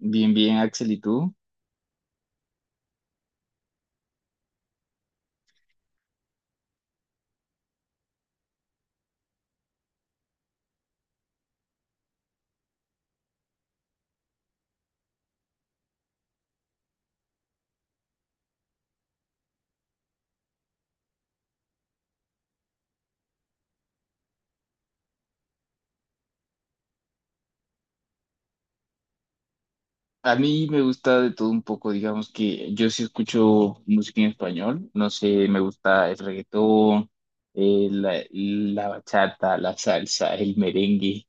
Bien, bien, Axel, ¿y tú? A mí me gusta de todo un poco, digamos que yo sí escucho música en español, no sé, me gusta el reggaetón, la bachata, la salsa, el merengue,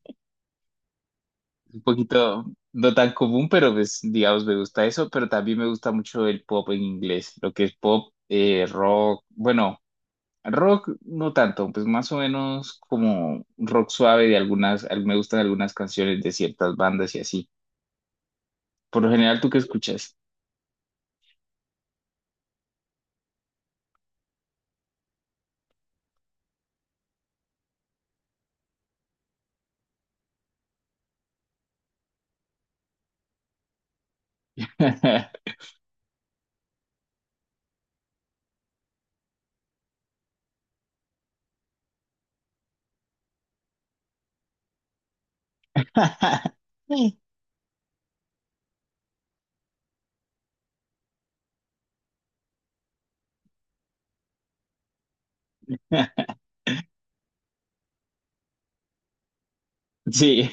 un poquito no tan común, pero pues digamos me gusta eso, pero también me gusta mucho el pop en inglés, lo que es pop, rock, bueno, rock no tanto, pues más o menos como rock suave de algunas, me gustan algunas canciones de ciertas bandas y así. Por lo general, ¿tú qué escuchas? Sí,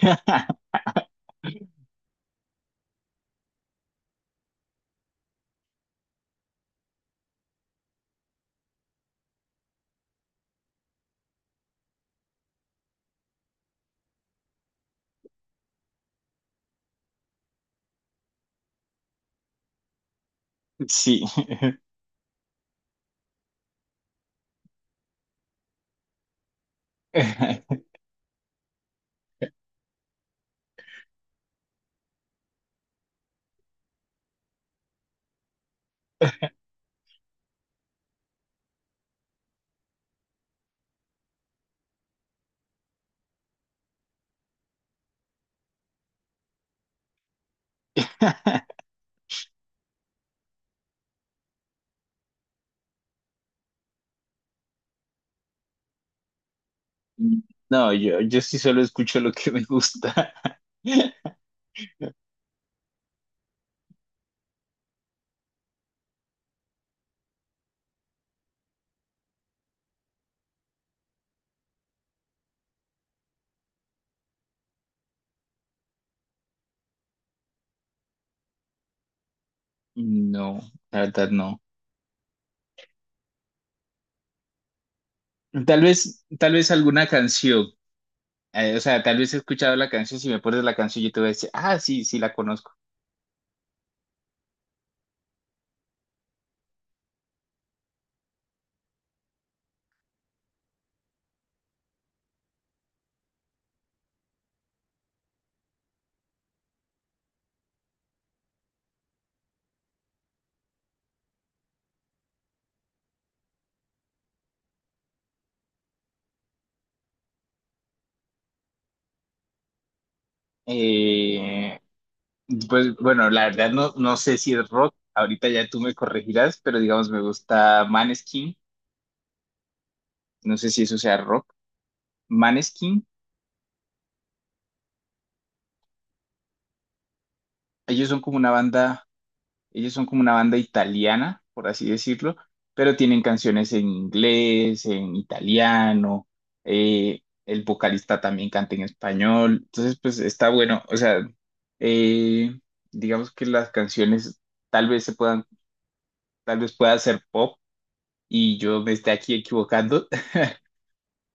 sí. No, yo sí solo escucho lo que me gusta. No, la verdad no. Tal vez alguna canción. O sea, tal vez he escuchado la canción. Si me pones la canción, yo te voy a decir, ah, sí, sí la conozco. Eh, pues bueno, la verdad no, no sé si es rock. Ahorita ya tú me corregirás, pero digamos me gusta Maneskin. No sé si eso sea rock. Maneskin. Ellos son como una banda, ellos son como una banda italiana, por así decirlo, pero tienen canciones en inglés, en italiano, el vocalista también canta en español, entonces pues está bueno, o sea, eh, digamos que las canciones tal vez se puedan, tal vez pueda ser pop y yo me esté aquí equivocando,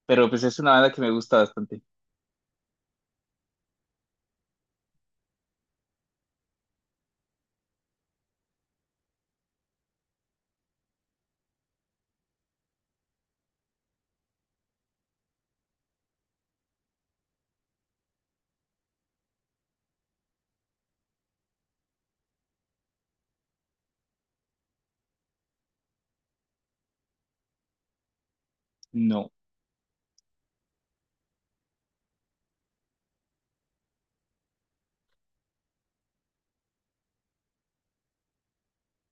pero pues es una banda que me gusta bastante. No.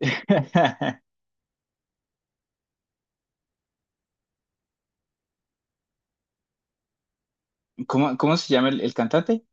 ¿Cómo, cómo se llama el cantante?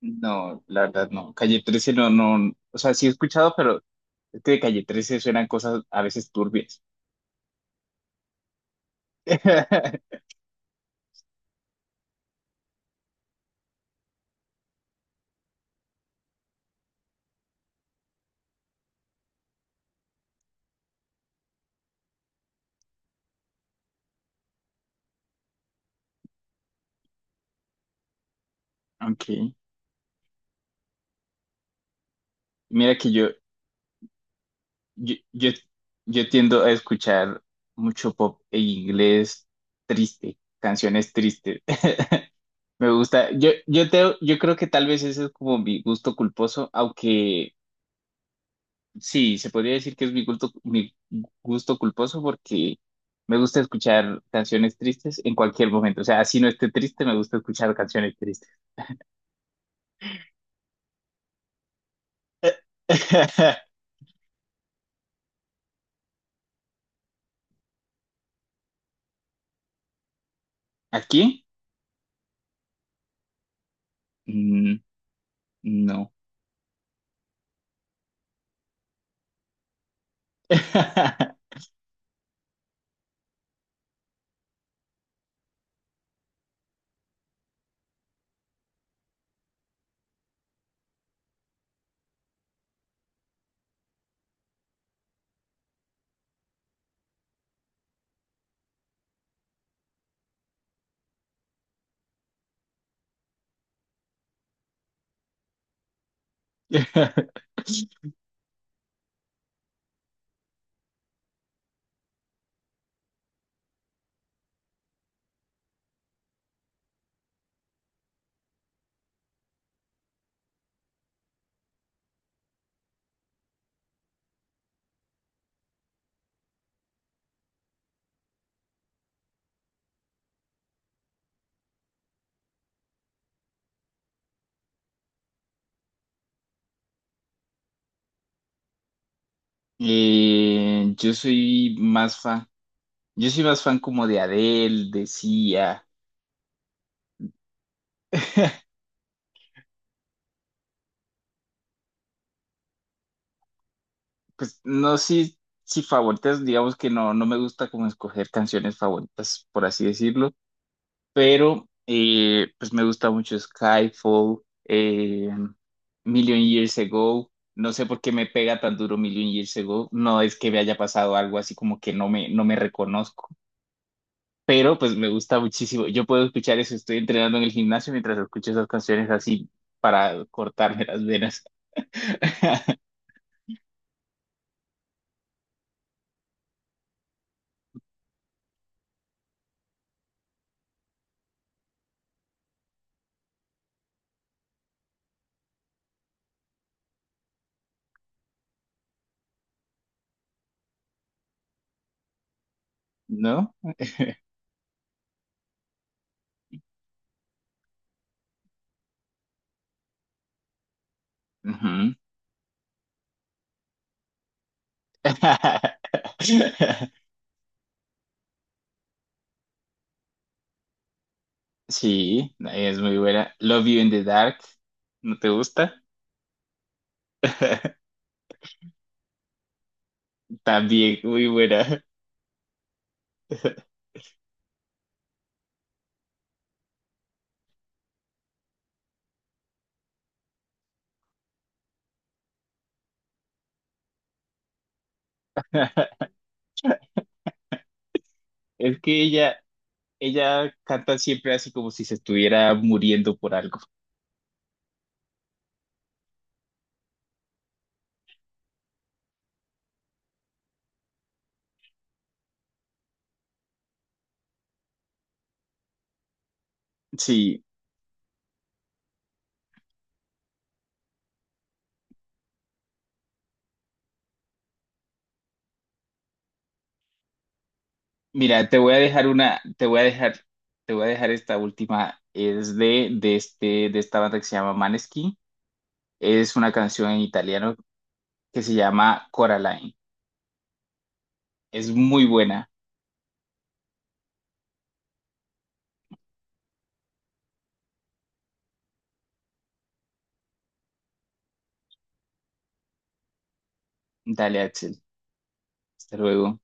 No, la verdad no. Calle 13 no, no, o sea, sí he escuchado, pero es que de Calle 13 suenan cosas a veces turbias. Ok. Mira que yo, yo, yo tiendo a escuchar mucho pop en inglés triste, canciones tristes. Me gusta, yo creo que tal vez ese es como mi gusto culposo, aunque sí, se podría decir que es mi gusto culposo porque me gusta escuchar canciones tristes en cualquier momento. O sea, así no esté triste, me gusta escuchar canciones tristes. ¿Aquí? Mm, no. Yo soy más fan, yo soy más fan como de Adele, de Sia. Pues no sí, sí favoritas, digamos que no, no me gusta como escoger canciones favoritas, por así decirlo. Pero pues me gusta mucho Skyfall, eh, Million Years Ago. No sé por qué me pega tan duro Million Years Ago. No es que me haya pasado algo así como que no me, no me reconozco, pero pues me gusta muchísimo. Yo puedo escuchar eso, estoy entrenando en el gimnasio mientras escucho esas canciones así para cortarme las venas. ¿No? Ujú. Sí, es muy buena. Love You in the Dark, ¿no te gusta? También, muy buena. Es que ella canta siempre así como si se estuviera muriendo por algo. Sí, mira, te voy a dejar una, te voy a dejar, te voy a dejar esta última. Es de este, de esta banda que se llama Maneskin. Es una canción en italiano que se llama Coraline. Es muy buena. Dale, Axel. Hasta luego.